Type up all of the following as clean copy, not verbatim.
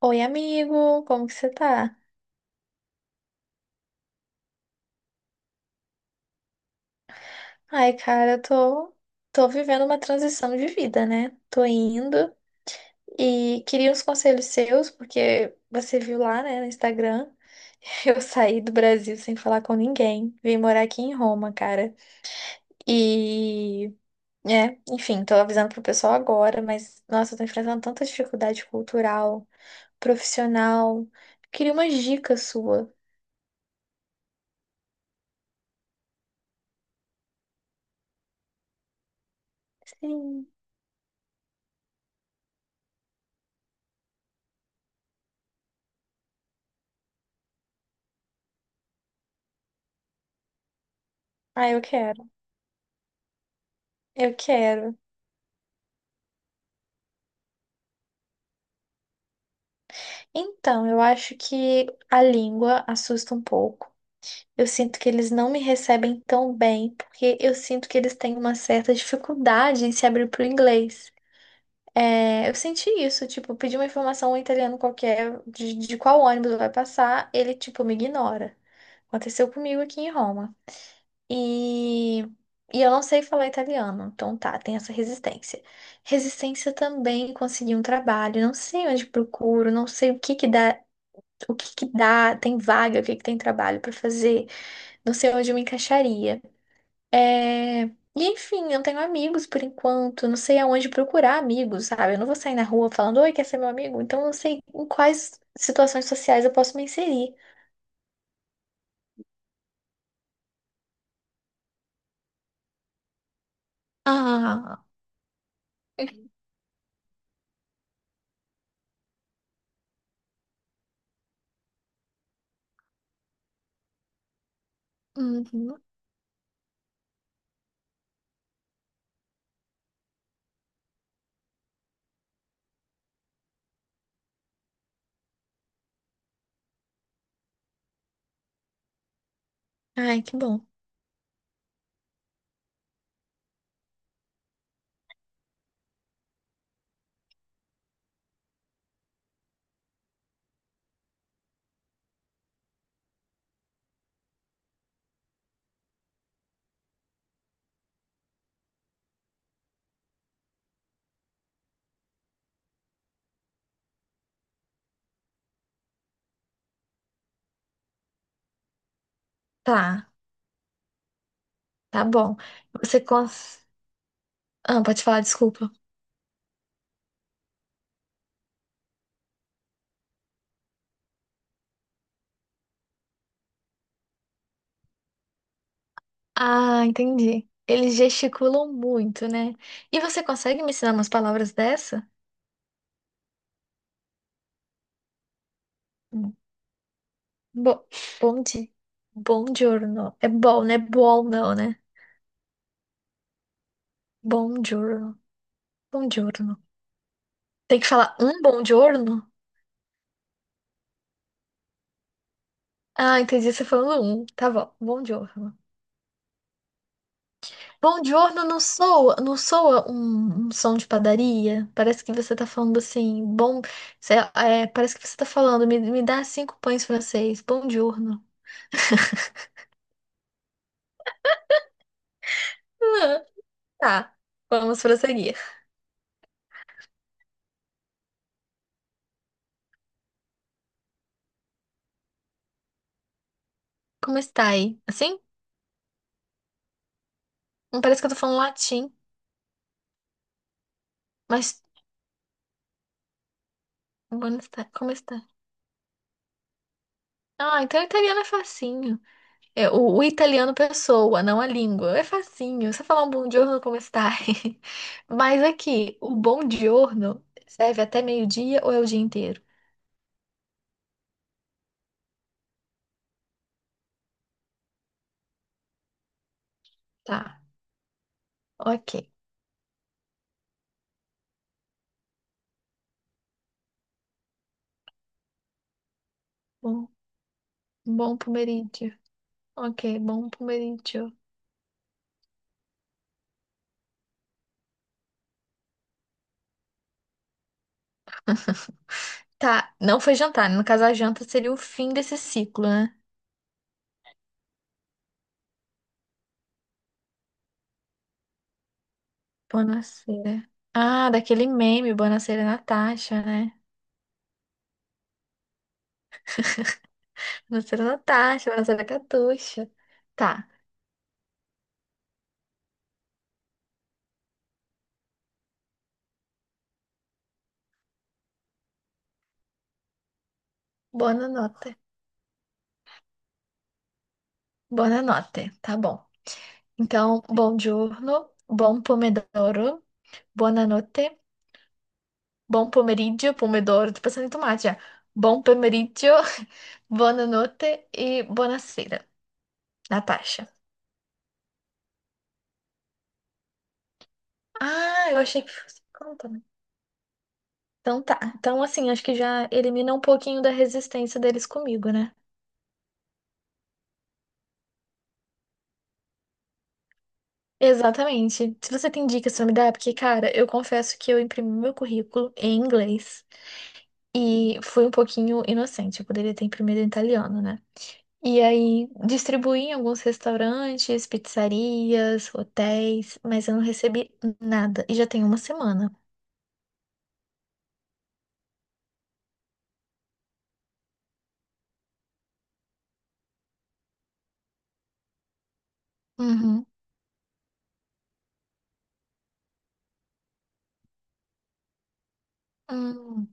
Oi, amigo, como que você tá? Ai, cara, eu tô vivendo uma transição de vida, né? Tô indo e queria uns conselhos seus, porque você viu lá, né, no Instagram, eu saí do Brasil sem falar com ninguém. Vim morar aqui em Roma, cara. E, enfim, tô avisando pro pessoal agora, mas, nossa, eu tô enfrentando tanta dificuldade cultural, profissional. Queria umas dicas sua. Sim. Ah, eu quero. Eu quero. Então, eu acho que a língua assusta um pouco. Eu sinto que eles não me recebem tão bem, porque eu sinto que eles têm uma certa dificuldade em se abrir para o inglês. É, eu senti isso, tipo, pedi uma informação a um italiano qualquer de qual ônibus vai passar, ele, tipo, me ignora. Aconteceu comigo aqui em Roma. E, e eu não sei falar italiano, então tá, tem essa resistência. Resistência também em conseguir um trabalho, não sei onde procuro, não sei o que que dá, tem vaga, o que que tem trabalho para fazer, não sei onde eu me encaixaria. É, E enfim, não tenho amigos por enquanto, não sei aonde procurar amigos, sabe? Eu não vou sair na rua falando, oi, quer ser meu amigo? Então eu não sei em quais situações sociais eu posso me inserir. Ah, uhum. Ai, que bom. Tá, tá bom. Você cons... Ah, pode falar, desculpa. Ah, entendi. Eles gesticulam muito, né? E você consegue me ensinar umas palavras dessa? Bo Bonde? Buongiorno. É bom, né? Bom não, né? Buongiorno. Buongiorno. Tem que falar um buongiorno? Ah, entendi você falando um. Tá bom. Buongiorno. Buongiorno não soa um som de padaria? Parece que você tá falando assim, bom... parece que você tá falando, me dá cinco pães francês. Buongiorno. Ah, tá. Vamos prosseguir. Como está aí? Assim? Não parece que eu tô falando latim, mas... Como está? Como. Ah, então o italiano é facinho. É, o italiano pessoa, não a língua. É facinho. Você falar um bom giorno, é como está? Mas aqui, o bom giorno serve até meio-dia ou é o dia inteiro? Tá, ok. Bom, bom pomeriggio. Ok, bom pomeriggio. Tá, não foi jantar, né? No caso, a janta seria o fim desse ciclo, né? Buonasera. Ah, daquele meme, Buonasera Natasha, né? Buonasera Natasha, Buonasera Catuxa. Tá, boa nota. Buonanotte, tá bom. Então, bom giorno, bom pomodoro, buonanotte, bom pomeriggio, pomodoro, tô pensando em tomate já. Bom pomeriggio, buonanotte e buonasera, Natasha. Ah, eu achei que fosse conta, né? Então tá. Então, assim, acho que já elimina um pouquinho da resistência deles comigo, né? Exatamente. Se você tem dicas pra me dar, é porque, cara, eu confesso que eu imprimi meu currículo em inglês e fui um pouquinho inocente. Eu poderia ter imprimido em italiano, né? E aí distribuí em alguns restaurantes, pizzarias, hotéis, mas eu não recebi nada. E já tem uma semana. Uhum. Hum.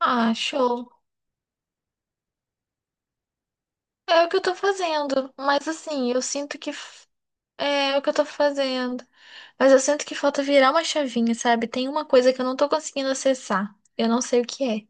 Ah, show. É o que eu tô fazendo. Mas assim, eu sinto que f- é o que eu tô fazendo. Mas eu sinto que falta virar uma chavinha, sabe? Tem uma coisa que eu não tô conseguindo acessar. Eu não sei o que é.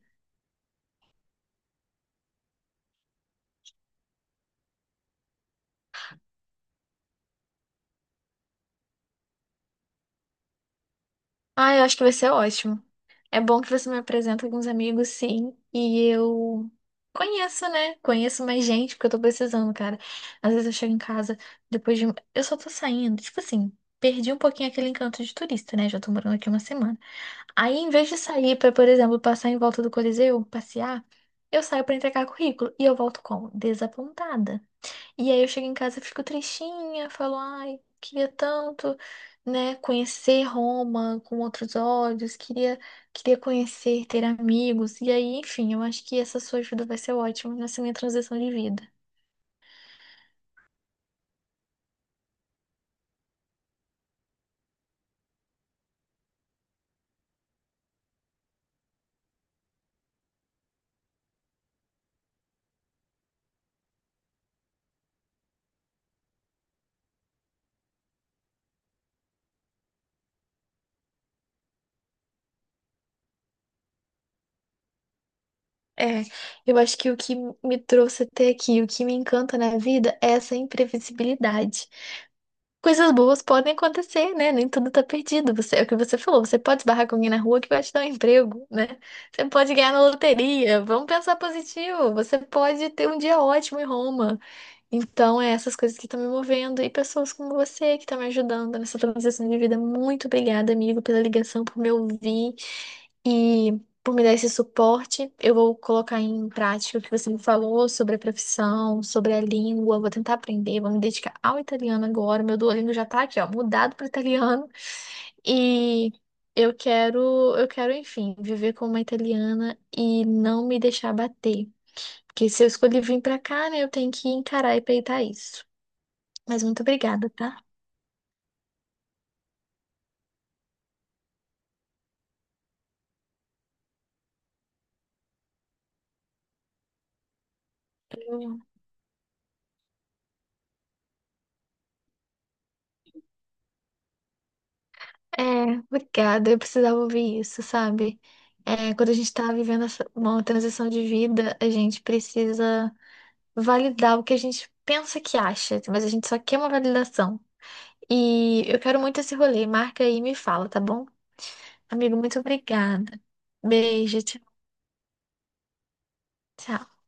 Ah, eu acho que vai ser ótimo. É bom que você me apresenta alguns amigos, sim, e eu conheço, né? Conheço mais gente, porque eu tô precisando, cara. Às vezes eu chego em casa, eu só tô saindo, tipo assim, perdi um pouquinho aquele encanto de turista, né? Já tô morando aqui uma semana. Aí, em vez de sair pra, por exemplo, passar em volta do Coliseu, passear, eu saio pra entregar currículo e eu volto como? Desapontada. E aí eu chego em casa, fico tristinha, falo, ai, queria tanto, né, conhecer Roma com outros olhos, queria conhecer, ter amigos. E aí, enfim, eu acho que essa sua ajuda vai ser ótima nessa minha transição de vida. É, eu acho que o que me trouxe até aqui, o que me encanta na vida é essa imprevisibilidade. Coisas boas podem acontecer, né? Nem tudo tá perdido. Você, é o que você falou, você pode esbarrar com alguém na rua que vai te dar um emprego, né? Você pode ganhar na loteria. Vamos pensar positivo. Você pode ter um dia ótimo em Roma. Então, é essas coisas que estão me movendo e pessoas como você que estão me ajudando nessa transição de vida. Muito obrigada, amigo, pela ligação, por me ouvir e por me dar esse suporte. Eu vou colocar em prática o que você me falou sobre a profissão, sobre a língua. Vou tentar aprender, vou me dedicar ao italiano agora. Meu Duolingo já tá aqui, ó, mudado para italiano. E eu quero, eu quero, enfim, viver como uma italiana e não me deixar bater. Porque se eu escolhi vir pra cá, né, eu tenho que encarar e peitar isso. Mas muito obrigada, tá? Eu. É, obrigada. Eu precisava ouvir isso, sabe? É, quando a gente tá vivendo uma transição de vida, a gente precisa validar o que a gente pensa que acha, mas a gente só quer uma validação. E eu quero muito esse rolê. Marca aí e me fala, tá bom? Amigo, muito obrigada. Beijo, tchau, tchau.